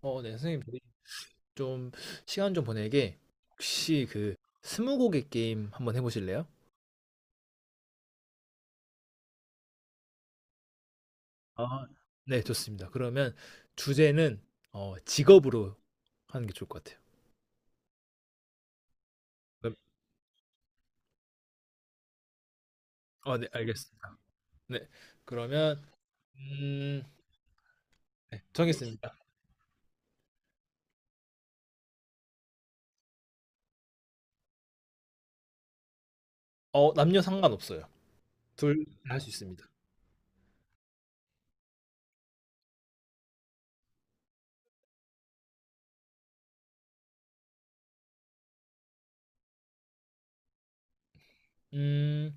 네, 선생님, 저희 좀 시간 좀 보내게 혹시 스무고개 게임 한번 해보실래요? 아, 네, 좋습니다. 그러면 주제는 직업으로 하는 게 좋을 것 같아요. 그럼- 네, 알겠습니다. 네, 그러면 음, 네, 정했습니다. 남녀 상관없어요. 둘 다 할 수 있습니다. 음,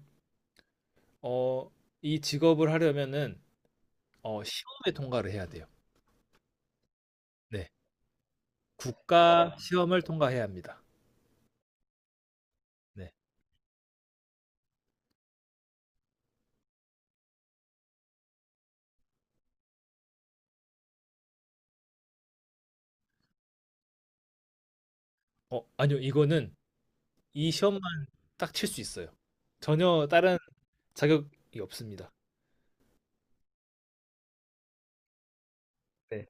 어, 이 직업을 하려면은 시험에 통과를 해야 돼요. 네, 국가 시험을 통과해야 합니다. 네, 아니요, 이거는 이 시험만 딱 칠 수 있어요. 전혀 다른 자격이 없습니다. 네.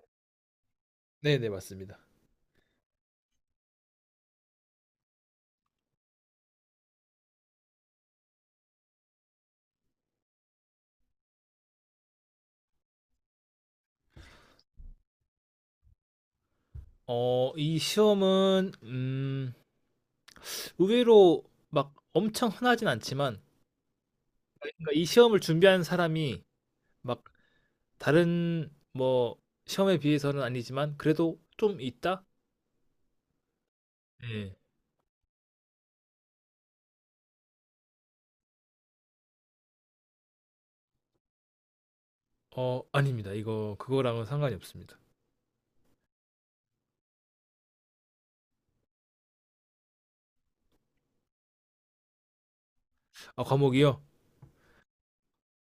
네, 네, 맞습니다. 이 시험은 의외로 막 엄청 흔하진 않지만 그러니까 이 시험을 준비한 사람이 막 다른 뭐 시험에 비해서는 아니지만 그래도 좀 있다? 네. 아닙니다. 이거 그거랑은 상관이 없습니다. 아, 과목이요?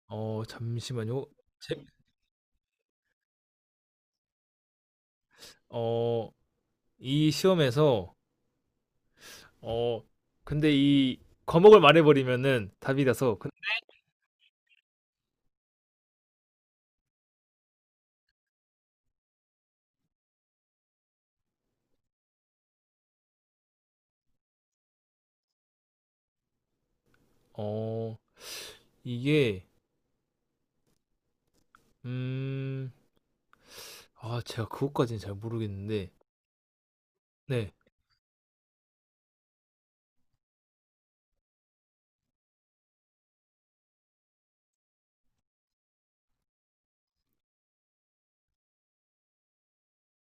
잠시만요. 제, 어, 이 시험에서 어, 근데 이 과목을 말해버리면은 답이 나서. 어, 이게, 음, 아, 제가 그것까지는 잘 모르겠는데, 네,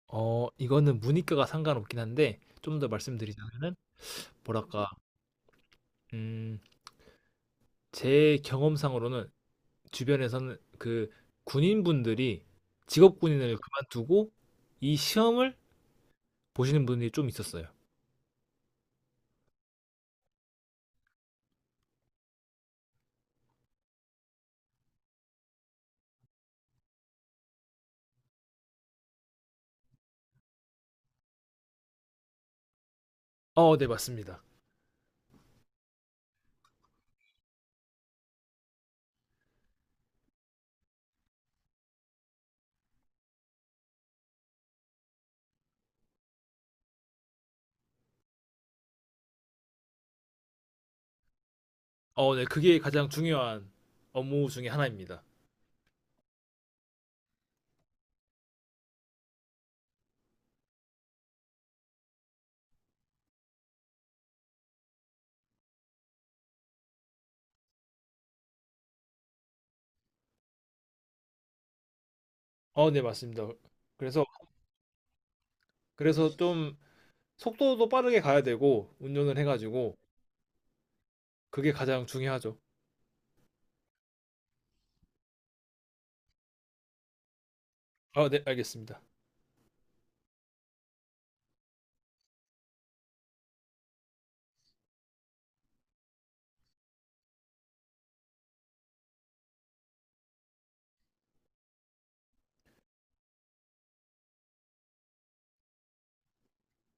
이거는 문이과가 상관없긴 한데, 좀 더 말씀드리자면은, 뭐랄까, 음, 제 경험상으로는 주변에서는 군인분들이 직업 군인을 그만두고 이 시험을 보시는 분들이 좀 있었어요. 네, 맞습니다. 네, 그게 가장 중요한 업무 중에 하나입니다. 어 네 맞습니다. 그래서 그래서 좀 속도도 빠르게 가야 되고 운전을 해 가지고 그게 가장 중요하죠. 아 네 알겠습니다.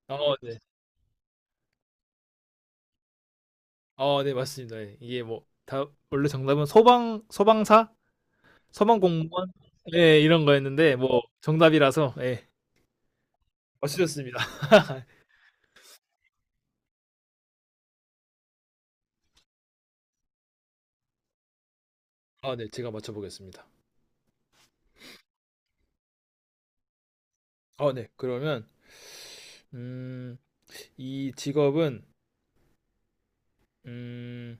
아 네. 아 네 맞습니다. 예. 이게 뭐 다 원래 정답은 소방사, 소방공무원 예 이런 거였는데 뭐 정답이라서 예. 맞추셨습니다. 아 네 제가 맞춰 보겠습니다. 아 네. 그러면 음 이 직업은 음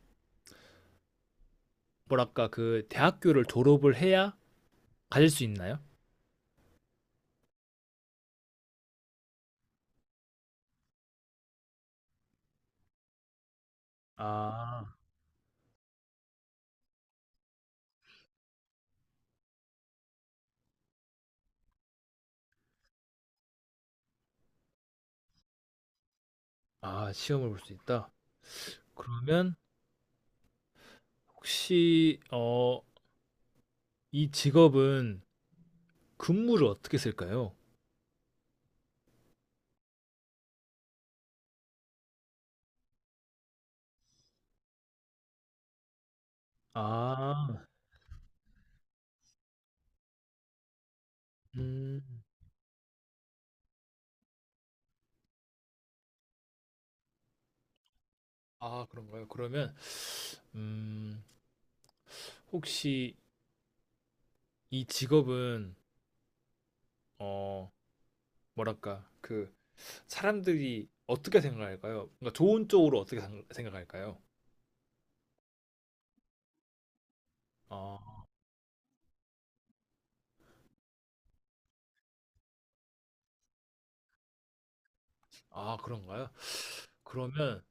뭐랄까 그 대학교를 졸업을 해야 가질 수 있나요? 아. 아, 시험을 볼 수 있다. 그러면 혹시 이 직업은 근무를 어떻게 쓸까요? 아, 음, 아, 그런가요? 그러면 음, 혹시 이 직업은 어, 뭐랄까 사람들이 어떻게 생각할까요? 그러니까 좋은 쪽으로 어떻게 생각할까요? 아, 아, 그런가요? 그러면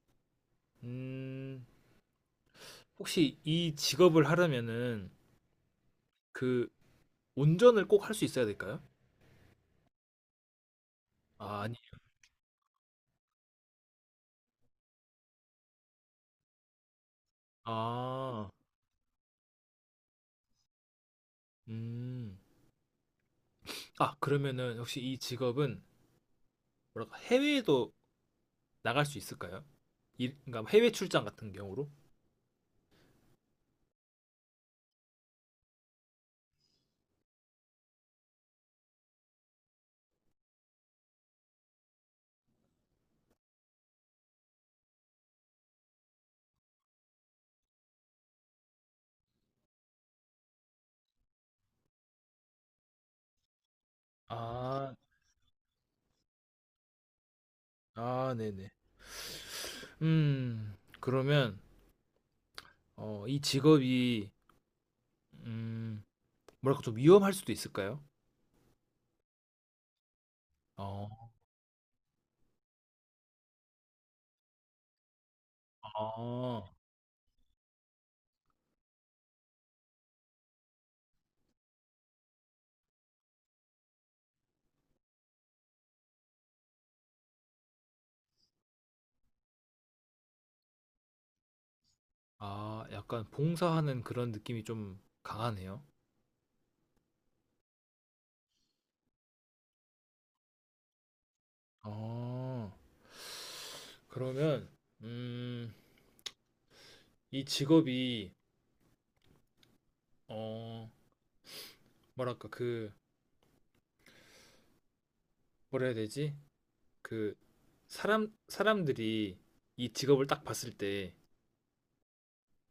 음, 혹시 이 직업을 하려면은 그 운전을 꼭 할 수 있어야 될까요? 아, 아. 음. 아, 그러면은 혹시 이 직업은 뭐랄까 해외에도 나갈 수 있을까요? 그러니까 해외 출장 같은 경우로? 아, 아, 네네. 그러면 이 직업이 음, 뭐랄까 좀 위험할 수도 있을까요? 어, 아, 아, 약간 봉사하는 그런 느낌이 좀 강하네요. 어, 그러면 음, 이 직업이 어, 뭐랄까 그 뭐라 해야 되지? 그 사람들이 이 직업을 딱 봤을 때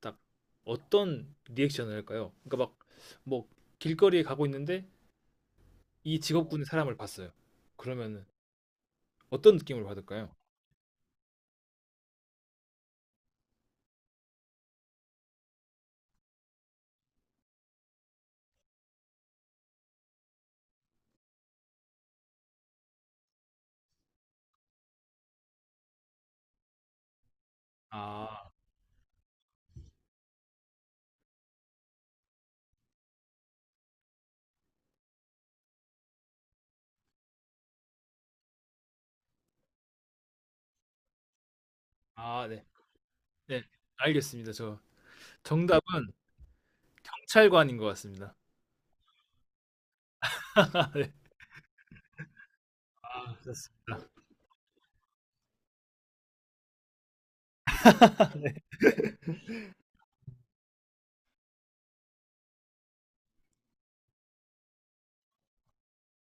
딱 어떤 리액션을 할까요? 그러니까 막 뭐 길거리에 가고 있는데 이 직업군의 사람을 봤어요. 그러면은 어떤 느낌을 받을까요? 아, 아, 네. 네. 알겠습니다. 저 정답은 경찰관인 것 같습니다. 아, 네. 아, 습니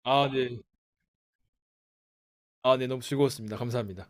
다 아, 네. 아, 네. 너무 즐거웠습니다. 감사합니다.